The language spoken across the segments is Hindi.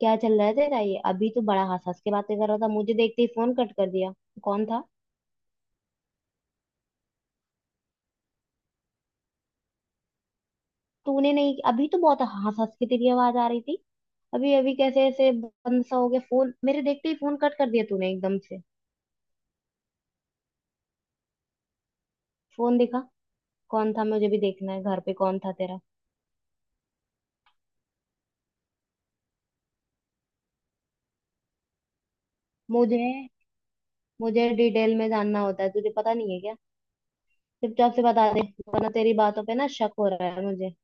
क्या चल रहा है तेरा? ये अभी तो बड़ा हंस हंस के बातें कर रहा था, मुझे देखते ही फोन कट कर दिया। कौन था? तूने नहीं, अभी तो बहुत हंस हंस के तेरी आवाज आ रही थी। अभी अभी कैसे ऐसे बंद सा हो गया फोन, मेरे देखते ही फोन कट कर दिया तूने एकदम से। फोन दिखा। कौन था? मुझे भी देखना है, घर पे कौन था तेरा? मुझे मुझे डिटेल में जानना होता है, तुझे पता नहीं है क्या? चुपचाप से बता दे। वरना तेरी बातों पे ना शक हो रहा है मुझे।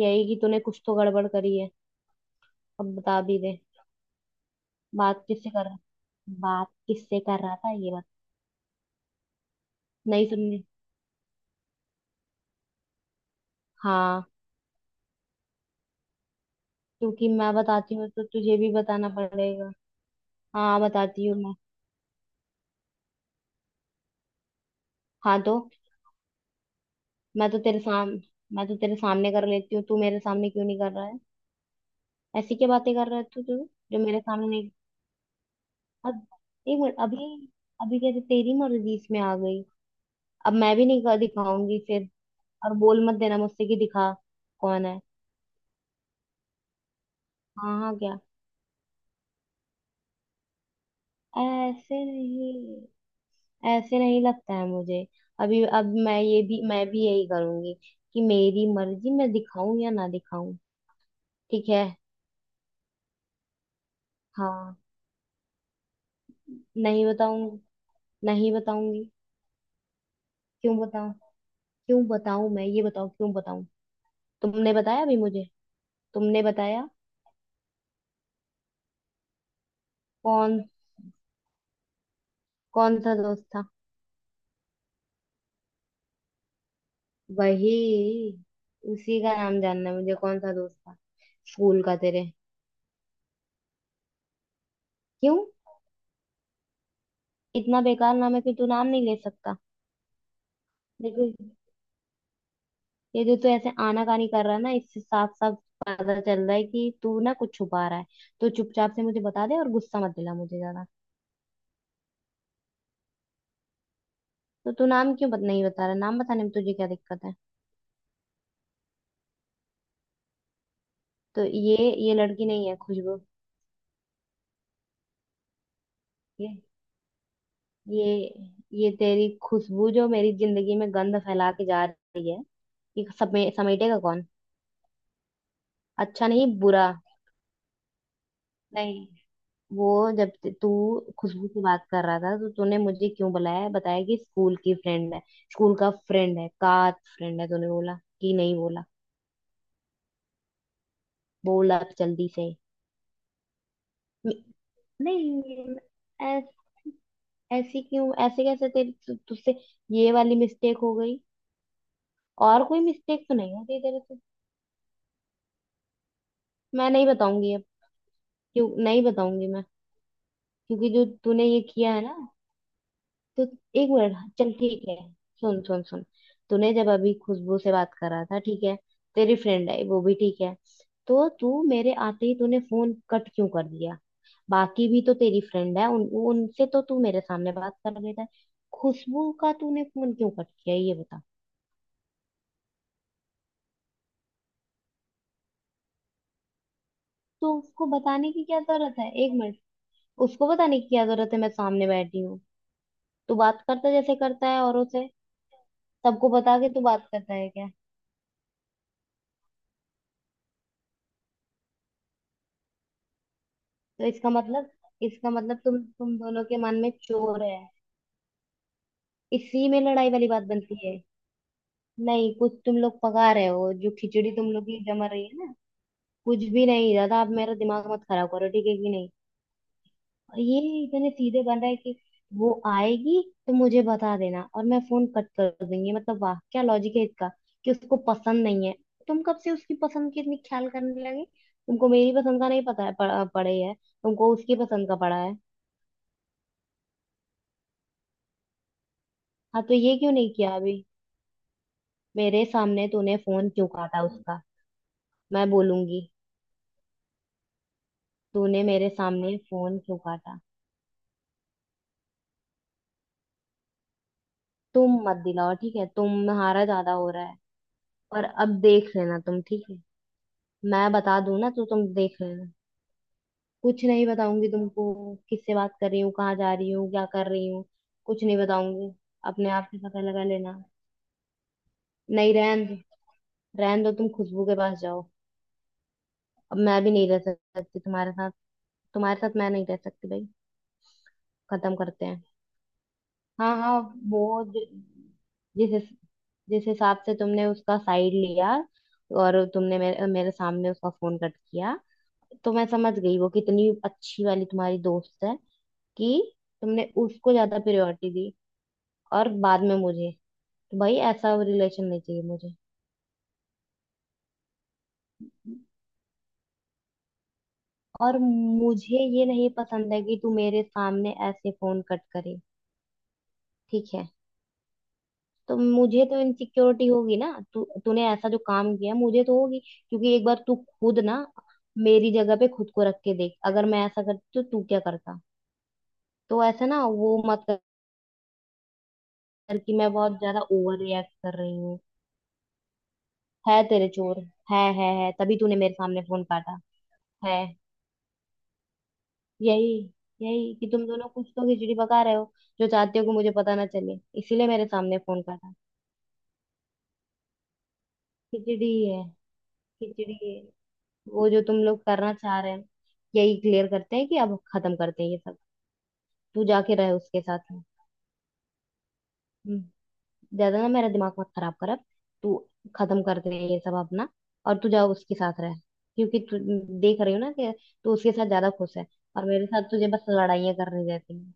यही कि तूने कुछ तो गड़बड़ करी है। अब बता भी दे। बात किससे कर रहा बात किससे कर रहा था, ये बता। नहीं सुननी। हाँ। क्योंकि मैं बताती हूँ तो तुझे भी बताना पड़ेगा। हाँ, बताती हूँ मैं। हाँ तो। मैं तो तेरे साम मैं तो तेरे सामने कर लेती हूँ, तू मेरे सामने क्यों नहीं कर रहा है? ऐसी क्या बातें कर रहा है तू? जो मेरे सामने नहीं। अब एक मिनट अभी। अभी कहते तेरी मर्जी इसमें आ गई। अब मैं भी नहीं कर दिखाऊंगी फिर। और बोल मत देना मुझसे कि दिखा। कौन है? हाँ हाँ, क्या? ऐसे नहीं ऐसे नहीं लगता है मुझे। अभी अब मैं ये भी मैं भी यही करूंगी कि मेरी मर्जी, मैं दिखाऊं या ना दिखाऊं। ठीक है। हाँ। नहीं बताऊंगी। नहीं बताऊंगी। क्यों बताऊं? क्यों बताऊं मैं? ये बताओ, क्यों बताऊं? तुमने बताया अभी मुझे? तुमने बताया? कौन कौन सा दोस्त था? वही उसी का नाम जानना है मुझे, कौन सा दोस्त था, स्कूल का तेरे? क्यों, इतना बेकार नाम है कि तू नाम नहीं ले सकता? देखो, ये जो तू ऐसे आनाकानी कर रहा है ना, इससे साफ साफ पता चल रहा है कि तू ना कुछ छुपा रहा है। तो चुपचाप से मुझे बता दे और गुस्सा मत दिला मुझे ज्यादा। तो तू नाम क्यों बत नहीं बता रहा? नाम बताने में तुझे क्या दिक्कत है? तो ये लड़की नहीं है खुशबू? ये ये ये तेरी खुशबू जो मेरी जिंदगी में गंध फैला के जा रही है, ये समेटेगा कौन? अच्छा नहीं, बुरा। नहीं। वो, जब तू खुशबू से बात कर रहा था, तो तूने मुझे क्यों बुलाया, बताया कि स्कूल की फ्रेंड है, स्कूल का फ्रेंड है, का फ्रेंड है, तूने बोला कि नहीं बोला? बोला, अब जल्दी से। न- नहीं, ऐस- ऐसी क्यों, ऐसे कैसे तेरे तुझसे ये वाली मिस्टेक हो गई? और कोई मिस्टेक तो नहीं होती तेरे से? मैं नहीं बताऊंगी अब। क्यों नहीं बताऊंगी मैं? क्योंकि जो तूने ये किया है ना, तो एक मिनट, चल ठीक है, सुन सुन सुन। तूने जब अभी खुशबू से बात करा था, ठीक है। तेरी फ्रेंड है वो, भी ठीक है। तो तू मेरे आते ही तूने फोन कट क्यों कर दिया? बाकी भी तो तेरी फ्रेंड है, उन उनसे तो तू मेरे सामने बात कर लेता है। खुशबू का तूने फोन क्यों कट किया, ये बता। तो उसको बताने की क्या जरूरत है? एक मिनट, उसको बताने की क्या जरूरत है? मैं सामने बैठी हूँ। तू बात करता जैसे करता है औरों से। सबको बता के तू बात करता है क्या? तो इसका मतलब, इसका मतलब तुम दोनों के मन में चोर है। इसी में लड़ाई वाली बात बनती है। नहीं, कुछ तुम लोग पका रहे हो, जो खिचड़ी तुम लोग की जमा रही है ना। कुछ भी नहीं दादा, आप मेरा दिमाग मत खराब करो, ठीक है कि नहीं? और ये इतने सीधे बन रहा है कि वो आएगी तो मुझे बता देना और मैं फोन कट कर दूंगी, मतलब वाह, क्या लॉजिक है इसका। कि उसको पसंद नहीं है? तुम कब से उसकी पसंद की इतनी ख्याल करने लगे? तुमको मेरी पसंद का नहीं पता है पड़े है, तुमको उसकी पसंद का पड़ा है? हाँ तो ये क्यों नहीं किया अभी? मेरे सामने तूने फोन क्यों काटा उसका? मैं बोलूंगी। तूने मेरे सामने फोन क्यों काटा? तुम मत दिलाओ, ठीक है, तुम्हारा ज्यादा हो रहा है। और अब देख लेना तुम, ठीक है? मैं बता दूं ना, तो तुम देख लेना। कुछ नहीं बताऊंगी तुमको, किससे बात कर रही हूँ, कहाँ जा रही हूँ, क्या कर रही हूँ। कुछ नहीं बताऊंगी। अपने आप से पता लगा लेना। नहीं रहन दो, रहन दो, तुम खुशबू के पास जाओ। अब मैं भी नहीं रह सकती तुम्हारे साथ। तुम्हारे साथ मैं नहीं रह सकती भाई। खत्म करते हैं। हाँ हाँ। वो ज- जिस हिस- जिस हिसाब से तुमने उसका साइड लिया और तुमने मेरे मेरे सामने उसका फोन कट किया, तो मैं समझ गई वो कितनी अच्छी वाली तुम्हारी दोस्त है। कि तुमने उसको ज्यादा प्रायोरिटी दी, और बाद में मुझे। तो भाई, ऐसा रिलेशन नहीं चाहिए मुझे। और मुझे ये नहीं पसंद है कि तू मेरे सामने ऐसे फोन कट करे। ठीक है? तो मुझे तो इनसिक्योरिटी होगी ना। तू तूने ऐसा जो काम किया, मुझे तो होगी, क्योंकि एक बार तू खुद ना मेरी जगह पे खुद को रख के देख, अगर मैं ऐसा करती तो तू क्या करता। तो ऐसा ना वो मत कर कि मैं बहुत ज्यादा ओवर रिएक्ट कर रही हूँ। है तेरे चोर, है तभी तूने मेरे सामने फोन काटा। है यही यही कि तुम दोनों कुछ तो खिचड़ी पका रहे हो, जो चाहते हो कि मुझे पता ना चले, इसीलिए मेरे सामने फोन काटा। खिचड़ी है। खिचड़ी है। वो, जो तुम लोग करना चाह रहे हैं। यही क्लियर करते हैं कि अब खत्म करते हैं ये सब। तू जाके रहे उसके साथ में। हम्म, ज्यादा ना मेरा दिमाग मत खराब कर अब। तू, खत्म करते हैं ये सब अपना, और तू जाओ उसके साथ रह। क्योंकि तू, देख रही हो ना कि तू उसके साथ ज्यादा खुश है और मेरे साथ तुझे बस लड़ाइयाँ करने देती है।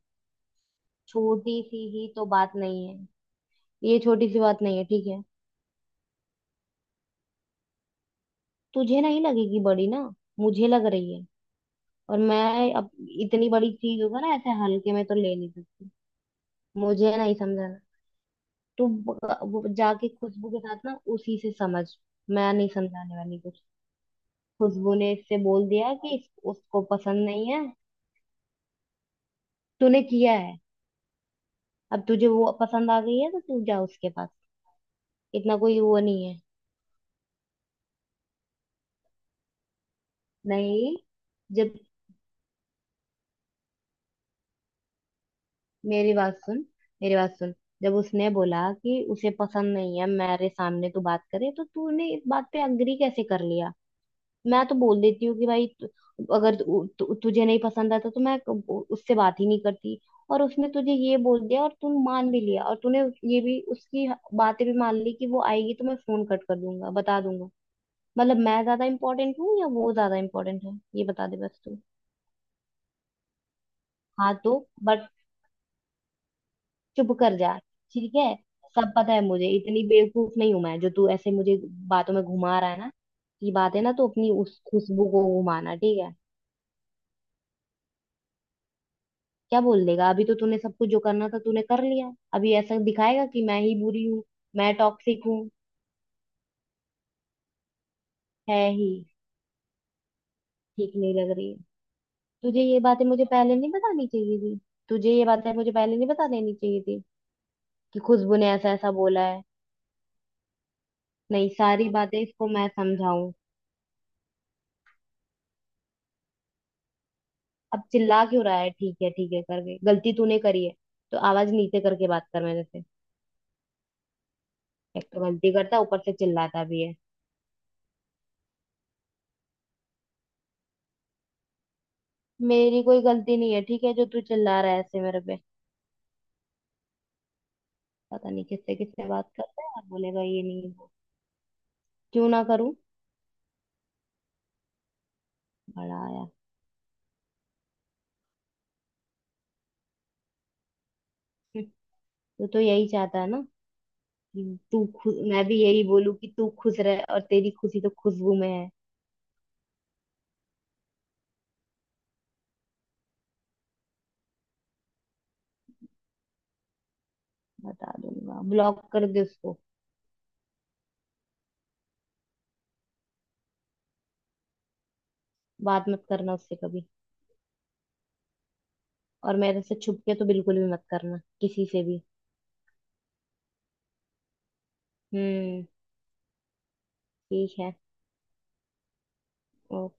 छोटी सी ही तो बात नहीं है। ये छोटी सी बात नहीं है, ठीक है। तुझे नहीं लगेगी बड़ी ना, मुझे लग रही है। और मैं अब इतनी बड़ी चीज होगा ना ऐसे हल्के में तो ले नहीं सकती। मुझे नहीं समझा। तो वो जाके खुशबू के साथ ना उसी से समझ। मैं नहीं समझाने वाली कुछ। खुशबू ने इससे बोल दिया कि उसको पसंद नहीं है? तूने किया है। अब तुझे वो पसंद आ गई है तो तू जा उसके पास। इतना कोई वो नहीं है। नहीं। जब, मेरी बात सुन, मेरी बात सुन। जब उसने बोला कि उसे पसंद नहीं है मेरे सामने तू बात करे, तो तूने इस बात पे अग्री कैसे कर लिया? मैं तो बोल देती हूँ कि भाई अगर तु, तु, तुझे नहीं पसंद आता तो मैं उससे बात ही नहीं करती। और उसने तुझे ये बोल दिया और तूने मान भी लिया, और तूने ये भी, उसकी बातें भी मान ली कि वो आएगी तो मैं फोन कट कर दूंगा, बता दूंगा। मतलब मैं ज्यादा इम्पोर्टेंट हूँ या वो ज्यादा इम्पोर्टेंट है, ये बता दे बस तू। हाँ तो। बट। चुप कर जा, ठीक है। सब पता है मुझे, इतनी बेवकूफ नहीं हूं मैं, जो तू ऐसे मुझे बातों में घुमा रहा है ना। ये बात है ना, तो अपनी उस खुशबू को घुमाना, ठीक है। क्या बोल देगा? अभी तो तूने सब कुछ जो करना था तूने कर लिया, अभी ऐसा दिखाएगा कि मैं ही बुरी हूँ, मैं टॉक्सिक हूँ। है ही, ठीक नहीं लग रही है। तुझे ये बातें मुझे पहले नहीं बतानी चाहिए थी? तुझे ये बातें मुझे पहले नहीं बता देनी चाहिए थी कि खुशबू ने ऐसा ऐसा बोला है? नहीं, सारी बातें इसको मैं समझाऊं। अब चिल्ला क्यों रहा है? ठीक है ठीक है, करके गलती तूने करी है, तो आवाज नीचे करके बात कर मेरे से। एक तो गलती करता है, ऊपर से चिल्लाता भी है। मेरी कोई गलती नहीं है, ठीक है, जो तू चिल्ला रहा है ऐसे मेरे पे। पता नहीं किससे किससे बात करता है, और बोलेगा ये नहीं, वो। क्यों ना करूं, बड़ा आया। हम्म, तो यही चाहता है ना कि तू खुश, मैं भी यही बोलूं कि तू खुश रहे, और तेरी खुशी तो खुशबू में है। बता दूंगा, ब्लॉक कर दे उसको। बात मत करना उससे कभी, और मेरे से छुप के तो बिल्कुल भी मत करना किसी से भी। हम्म। ठीक है। ओके।